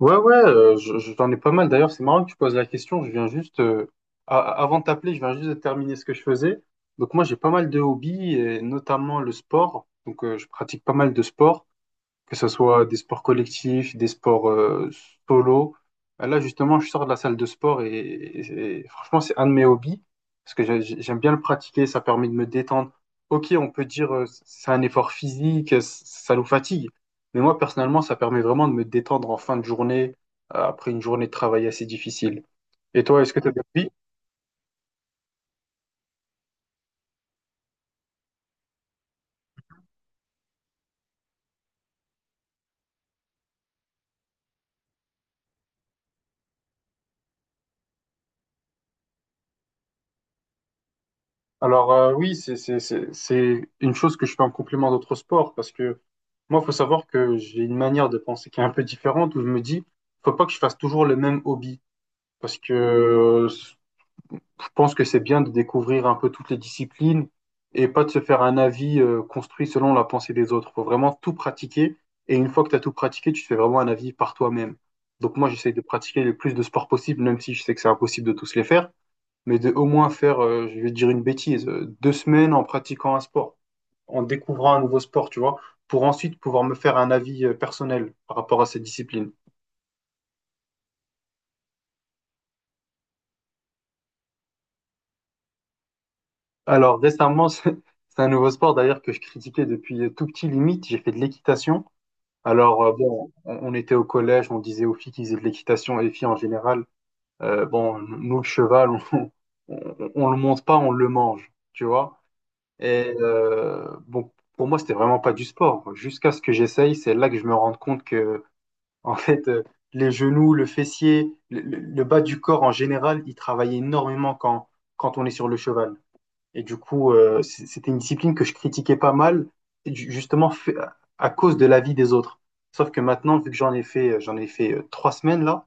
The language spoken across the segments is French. Ouais, ouais, j'en ai pas mal. D'ailleurs, c'est marrant que tu poses la question. Je viens juste, avant de t'appeler, je viens juste de terminer ce que je faisais. Donc moi, j'ai pas mal de hobbies, et notamment le sport. Donc je pratique pas mal de sport que ce soit des sports collectifs, des sports solo. Là, justement, je sors de la salle de sport et franchement, c'est un de mes hobbies parce que j'aime bien le pratiquer, ça permet de me détendre. Ok, on peut dire c'est un effort physique, ça nous fatigue, mais moi, personnellement, ça permet vraiment de me détendre en fin de journée, après une journée de travail assez difficile. Et toi, est-ce que tu as des hobbies? Alors, oui, c'est une chose que je fais en complément d'autres sports parce que moi, il faut savoir que j'ai une manière de penser qui est un peu différente où je me dis, faut pas que je fasse toujours le même hobby parce que je pense que c'est bien de découvrir un peu toutes les disciplines et pas de se faire un avis construit selon la pensée des autres. Faut vraiment tout pratiquer et une fois que tu as tout pratiqué, tu te fais vraiment un avis par toi-même. Donc moi, j'essaye de pratiquer le plus de sports possible, même si je sais que c'est impossible de tous les faire mais de au moins faire, je vais te dire une bêtise, 2 semaines en pratiquant un sport, en découvrant un nouveau sport, tu vois, pour ensuite pouvoir me faire un avis personnel par rapport à cette discipline. Alors récemment, c'est un nouveau sport d'ailleurs que je critiquais depuis tout petit limite, j'ai fait de l'équitation. Alors bon, on était au collège, on disait aux filles qu'ils faisaient de l'équitation et les filles en général, bon, nous le cheval, on le monte pas, on le mange, tu vois. Et bon, pour moi, c'était vraiment pas du sport. Jusqu'à ce que j'essaye, c'est là que je me rende compte que, en fait, les genoux, le fessier, le bas du corps en général, il travaille énormément quand on est sur le cheval. Et du coup, c'était une discipline que je critiquais pas mal, ju- justement fait- à cause de l'avis des autres. Sauf que maintenant, vu que j'en ai fait 3 semaines là,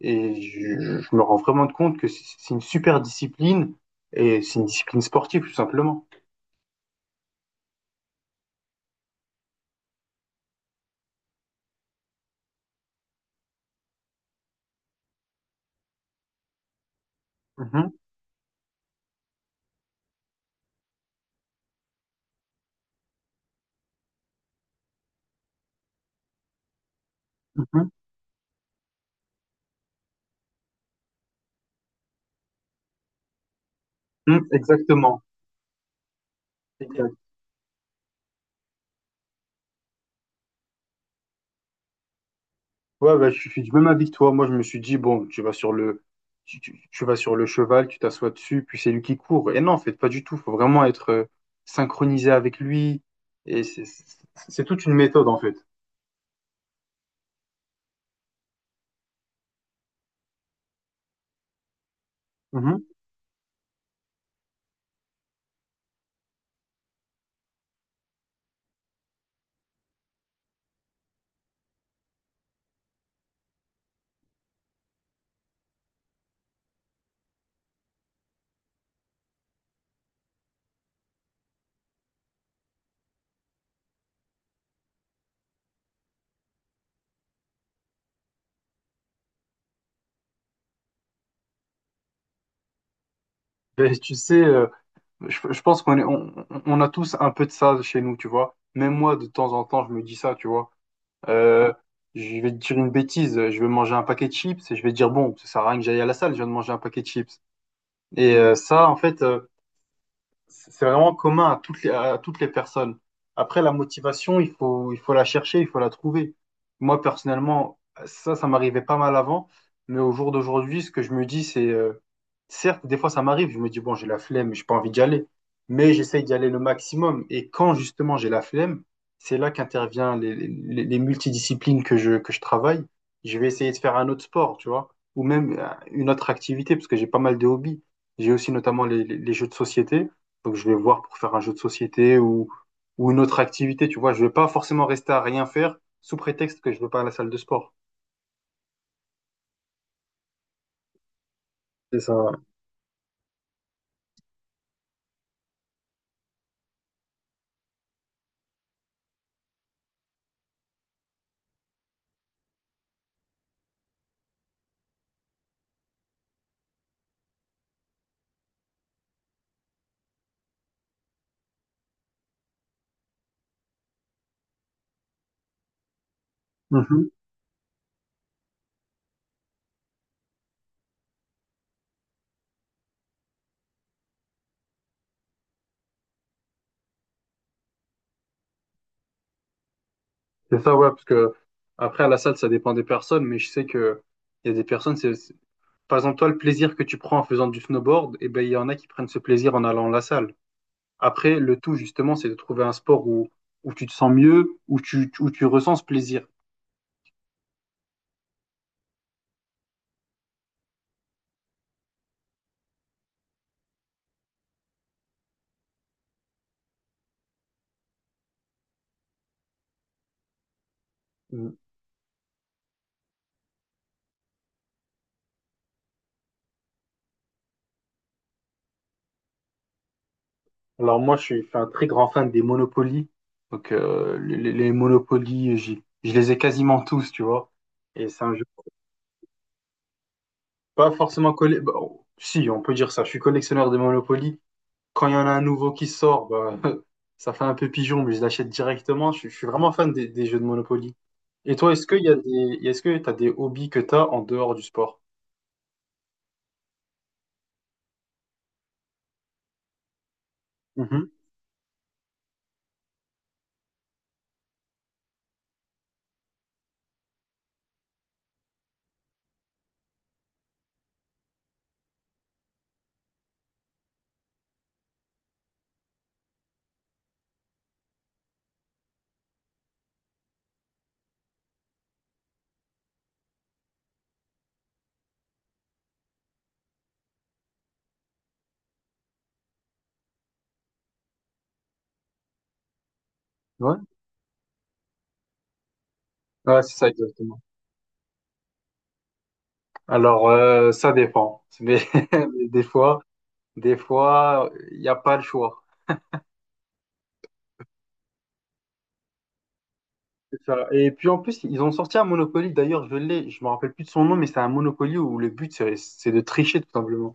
et je me rends vraiment compte que c'est une super discipline et c'est une discipline sportive, tout simplement. Mhm, mhm. Mm, exactement. Exact. Ouais, bah, je suis du même avis que toi. Moi, je me suis dit, bon, tu vas sur le, tu vas sur le cheval, tu t'assois dessus, puis c'est lui qui court. Et non, en fait, pas du tout. Faut vraiment être synchronisé avec lui. Et c'est toute une méthode, en fait. Mhm. Et tu sais, je pense qu'on est, on a tous un peu de ça chez nous, tu vois. Même moi, de temps en temps, je me dis ça, tu vois. Euh, je vais te dire une bêtise, je vais manger un paquet de chips et je vais dire, bon, ça sert à rien que j'aille à la salle, je viens de manger un paquet de chips. Et ça, en fait, c'est vraiment commun à à toutes les personnes. Après, la motivation, il faut la chercher, il faut la trouver. Moi, personnellement, ça m'arrivait pas mal avant, mais au jour d'aujourd'hui, ce que je me dis, c'est, certes, des fois, ça m'arrive, je me dis, bon, j'ai la flemme, j'ai pas envie d'y aller, mais j'essaye d'y aller le maximum. Et quand, justement, j'ai la flemme, c'est là qu'intervient les multidisciplines que je travaille. Je vais essayer de faire un autre sport, tu vois, ou même une autre activité, parce que j'ai pas mal de hobbies. J'ai aussi notamment les jeux de société. Donc je vais voir pour faire un jeu de société ou une autre activité, tu vois. Je vais pas forcément rester à rien faire sous prétexte que je veux pas à la salle de sport. C'est ça. Ouais. Mhm. C'est ça, ouais, parce que après, à la salle, ça dépend des personnes, mais je sais que il y a des personnes, par exemple, toi, le plaisir que tu prends en faisant du snowboard, et ben, il y en a qui prennent ce plaisir en allant à la salle. Après, le tout, justement, c'est de trouver un sport où, où tu te sens mieux, où tu ressens ce plaisir. Mm. Alors moi, je suis un très grand fan des Monopoly. Donc les Monopoly, je les ai quasiment tous, tu vois. Et c'est un jeu pas forcément collé. Bah, oh, si, on peut dire ça. Je suis collectionneur de Monopoly, quand il y en a un nouveau qui sort, bah, ça fait un peu pigeon, mais je l'achète directement. Je suis vraiment fan des jeux de Monopoly. Et toi, est-ce qu'il y a des, est-ce que tu as des hobbies que tu as en dehors du sport? Mhm. Ouais. Ouais, c'est ça exactement. Alors, ça dépend. Mais, des fois, des fois, il n'y a pas le choix. C'est ça. Et puis en plus, ils ont sorti un Monopoly. D'ailleurs, je me rappelle plus de son nom, mais c'est un Monopoly où le but, c'est de tricher tout simplement.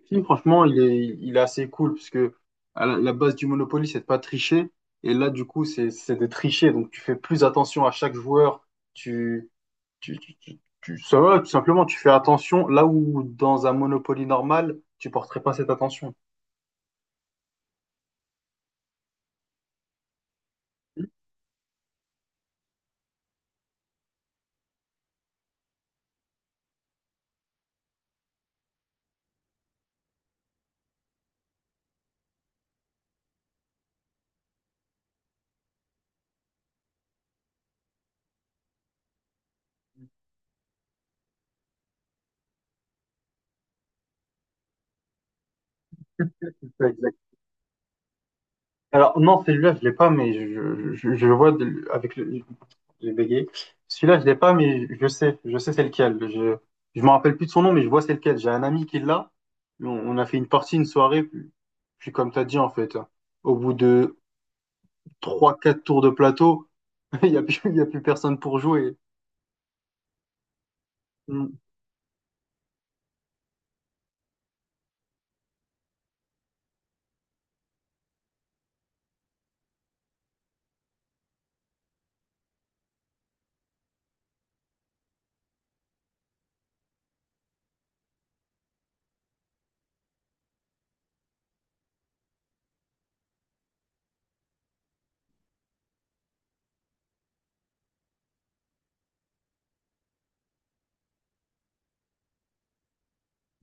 Le film, franchement, il est assez cool parce que à la, la base du Monopoly, c'est de pas tricher. Et là, du coup, c'est de tricher. Donc, tu fais plus attention à chaque joueur. Tu, Ça va, tout simplement, tu fais attention là où dans un Monopoly normal, tu porterais pas cette attention. Alors, non, celui-là, je l'ai pas, mais je vois de- avec le. J'ai bégayé. Celui-là, je l'ai pas, mais je sais. Je sais c'est lequel. Je me rappelle plus de son nom, mais je vois c'est lequel. J'ai un ami qui l'a. On a fait une partie, une soirée. Puis, puis comme tu as dit, en fait, au bout de 3 4 tours de plateau, il y a plus personne pour jouer. Mm.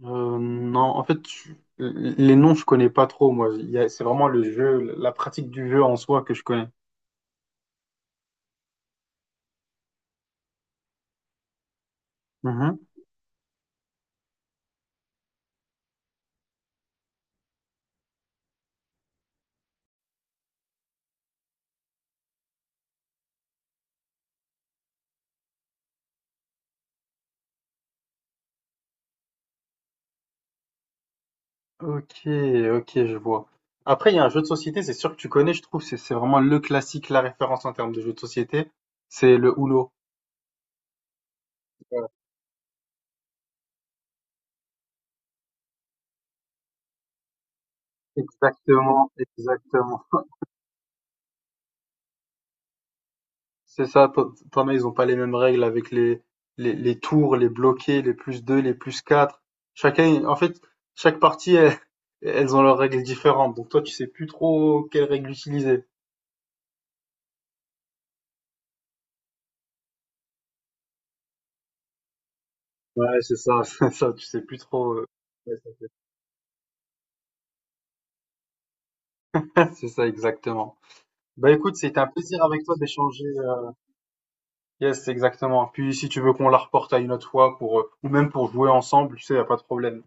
Non, en fait, les noms, je connais pas trop, moi. Il y a- C'est vraiment le jeu, la pratique du jeu en soi que je connais. Mm-hmm. Ok, ok, je vois. Après, il y a un jeu de société, c'est sûr que tu connais, je trouve, c'est vraiment le classique, la référence en termes de jeu de société, c'est le Uno. Ouais. Exactement, exactement. C'est ça, pa- pareil, ils ont pas les mêmes règles avec les tours, les bloqués, les plus 2, les plus 4. Chacun, en fait, chaque partie, elle- elles ont leurs règles différentes. Donc toi, tu sais plus trop quelles règles utiliser. Ouais, c'est ça, c'est ça, tu sais plus trop. C'est ça, exactement. Bah écoute, c'était un plaisir avec toi d'échanger. Yes, exactement. Puis si tu veux qu'on la reporte à une autre fois pour, ou même pour jouer ensemble, tu sais, y a pas de problème.